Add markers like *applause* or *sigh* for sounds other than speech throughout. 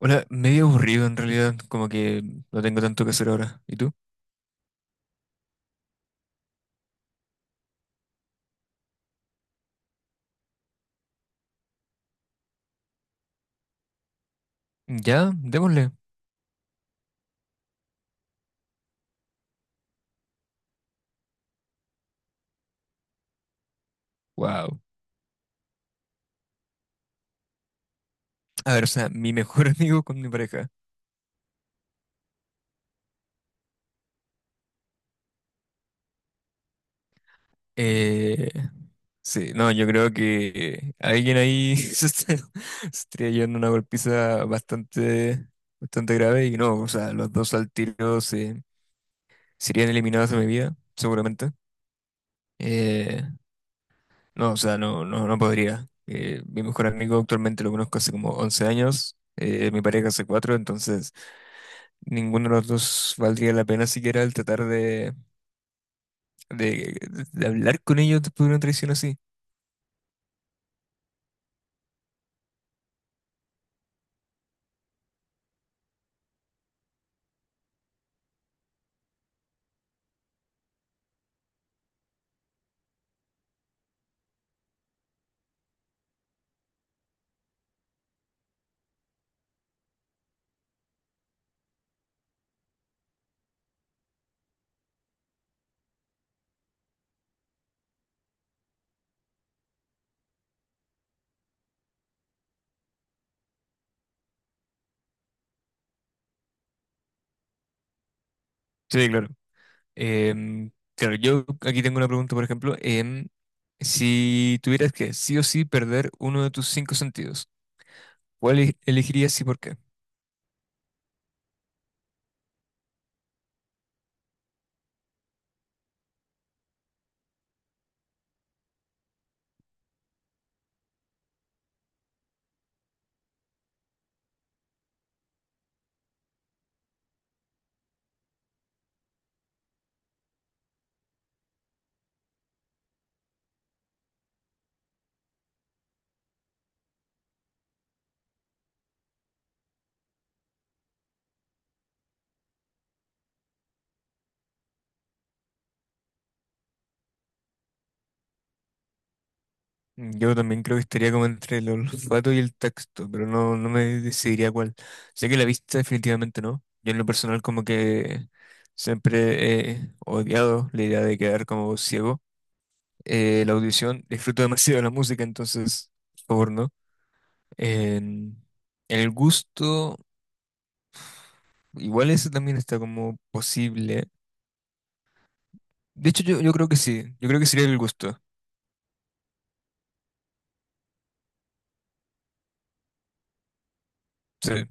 Hola, medio aburrido en realidad, como que no tengo tanto que hacer ahora. ¿Y tú? Ya, démosle. Wow. A ver, o sea, mi mejor *laughs* amigo con mi pareja. Eh, sí, no, yo creo que alguien ahí *laughs* se está llevando una golpiza bastante, bastante grave y no, o sea, los dos al tiro serían eliminados de mi vida, seguramente. Eh, no, o sea, no, no, no podría. Mi mejor amigo actualmente lo conozco hace como 11 años, mi pareja hace 4, entonces... Ninguno de los dos valdría la pena siquiera el tratar de- de hablar con ellos después de una traición así. Sí, claro. Claro, yo aquí tengo una pregunta, por ejemplo. Si tuvieras que sí o sí perder uno de tus cinco sentidos, ¿cuál elegirías y por qué? Yo también creo que estaría como entre el olfato y el tacto, pero no me decidiría cuál. Sé que la vista definitivamente no. Yo en lo personal como que siempre he odiado la idea de quedar como ciego. La audición, disfruto demasiado de la música, entonces, por favor, ¿no? En, en el gusto, igual eso también está como posible. De hecho, yo creo que sí, yo creo que sería el gusto. Sí.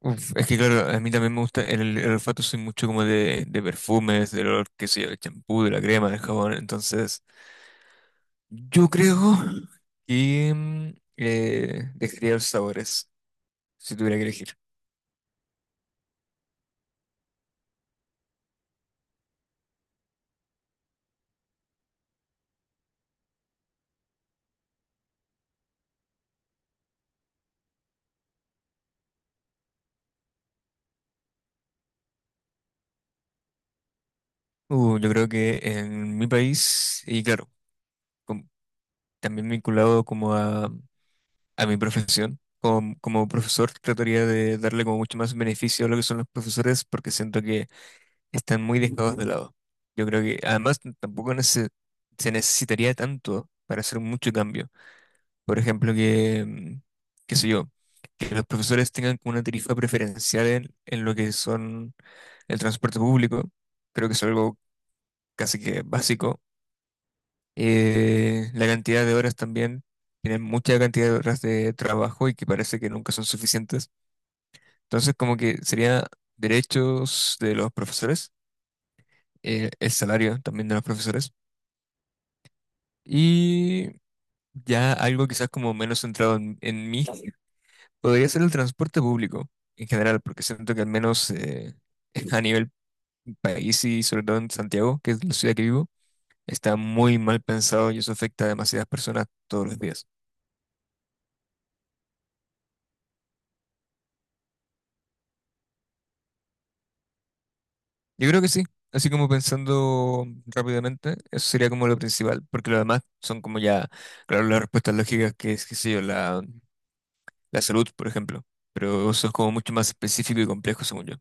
Uf, es que claro, a mí también me gusta, el olfato, soy mucho como de perfumes, del olor, qué sé yo, del champú, de la crema, del jabón, entonces, yo creo que dejaría los sabores, si tuviera que elegir. Yo creo que en mi país, y claro, com- también vinculado como a mi profesión. Como profesor, trataría de darle como mucho más beneficio a lo que son los profesores, porque siento que están muy dejados de lado. Yo creo que además tampoco se necesitaría tanto para hacer mucho cambio. Por ejemplo, que, qué sé yo, que los profesores tengan como una tarifa preferencial en lo que son el transporte público. Creo que es algo casi que básico. La cantidad de horas también, tienen mucha cantidad de horas de trabajo y que parece que nunca son suficientes. Entonces, como que sería derechos de los profesores, el salario también de los profesores. Y ya algo quizás como menos centrado en mí, podría ser el transporte público en general, porque siento que al menos *laughs* a nivel país y sobre todo en Santiago, que es la ciudad que vivo, está muy mal pensado y eso afecta a demasiadas personas todos los días. Yo creo que sí. Así como pensando rápidamente, eso sería como lo principal, porque lo demás son como ya, claro, las respuestas lógicas, que es, qué sé yo, la salud, por ejemplo. Pero eso es como mucho más específico y complejo, según yo.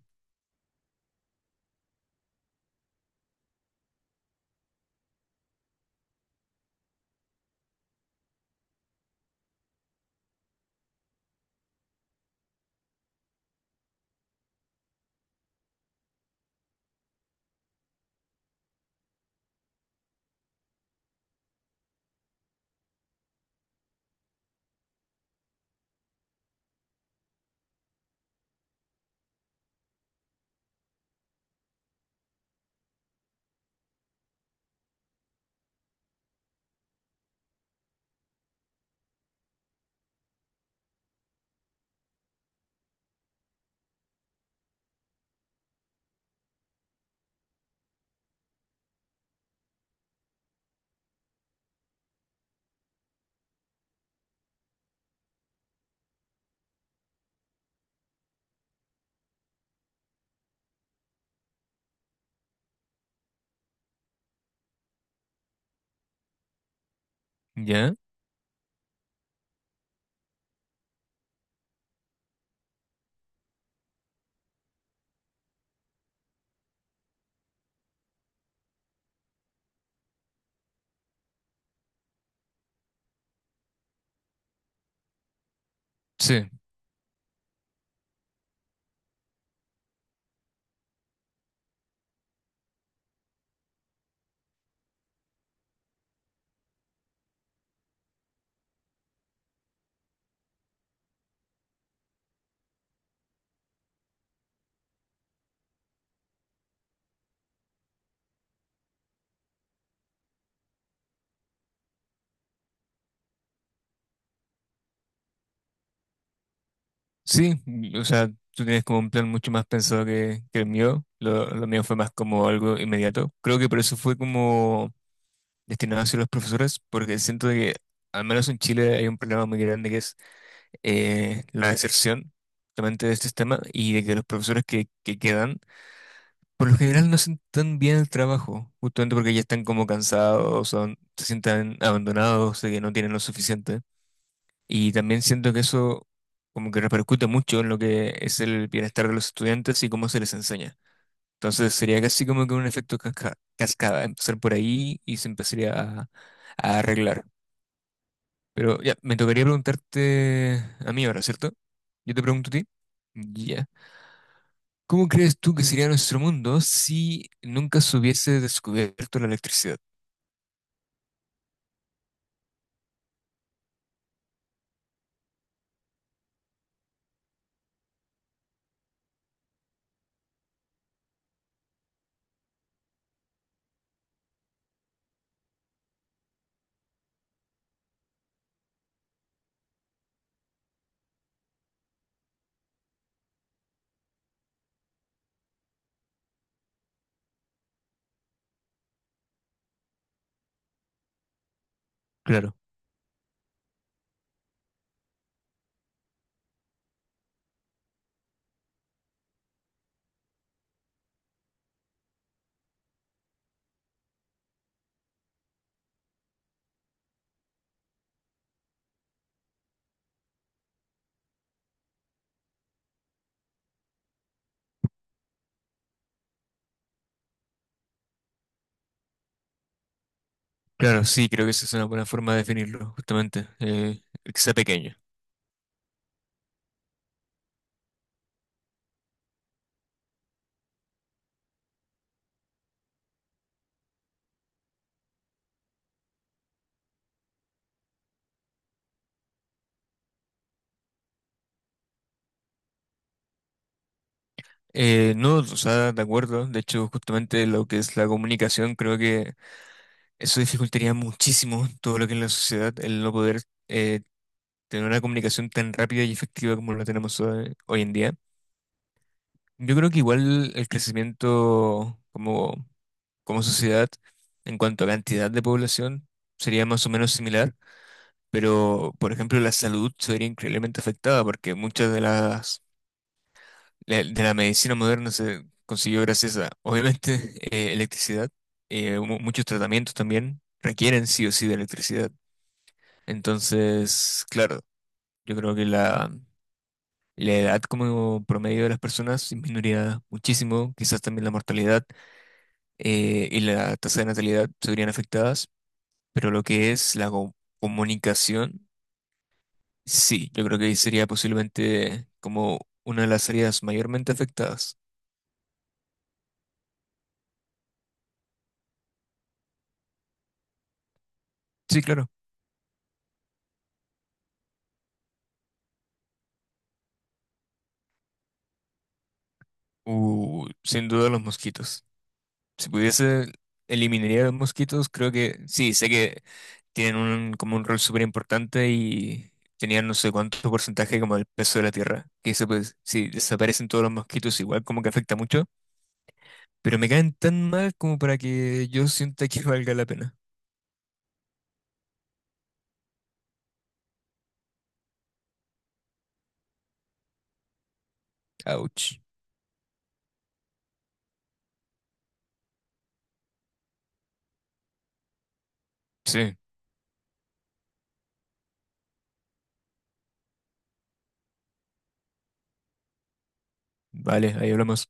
¿Ya? Sí. Sí, o sea, tú tienes como un plan mucho más pensado que el mío. Lo mío fue más como algo inmediato. Creo que por eso fue como destinado hacia los profesores, porque siento de que al menos en Chile hay un problema muy grande, que es la deserción justamente de este sistema, y de que los profesores que quedan, por lo general no hacen tan bien el trabajo, justamente porque ya están como cansados, se sientan abandonados, de que no tienen lo suficiente. Y también siento que eso como que repercute mucho en lo que es el bienestar de los estudiantes y cómo se les enseña. Entonces sería casi como que un efecto cascada, empezar por ahí y se empezaría a arreglar. Pero ya, me tocaría preguntarte a mí ahora, ¿cierto? Yo te pregunto a ti. Ya. ¿Cómo crees tú que sería nuestro mundo si nunca se hubiese descubierto la electricidad? Claro, claro, sí, creo que esa es una buena forma de definirlo, justamente, que sea pequeño. No, o sea, de acuerdo, de hecho, justamente lo que es la comunicación, creo que eso dificultaría muchísimo todo lo que es la sociedad, el no poder eh, tener una comunicación tan rápida y efectiva como la tenemos hoy en día. Yo creo que igual el crecimiento como sociedad en cuanto a cantidad de población sería más o menos similar, pero por ejemplo la salud sería increíblemente afectada, porque muchas de de la medicina moderna se consiguió gracias a, obviamente, *laughs* electricidad. Muchos tratamientos también requieren sí o sí de electricidad. Entonces, claro, yo creo que la edad como promedio de las personas disminuiría muchísimo, quizás también la mortalidad. Y la tasa de natalidad se verían afectadas, pero lo que es la comunicación, sí, yo creo que ahí sería posiblemente como una de las áreas mayormente afectadas. Sí, claro. Sin duda, los mosquitos. Si pudiese, eliminaría los mosquitos. Creo que sí, sé que tienen un, como un rol súper importante y tenían no sé cuánto porcentaje como el peso de la tierra, que eso, pues si desaparecen todos los mosquitos, igual como que afecta mucho. Pero me caen tan mal como para que yo sienta que valga la pena. Ouch. Sí, vale, ahí hablamos.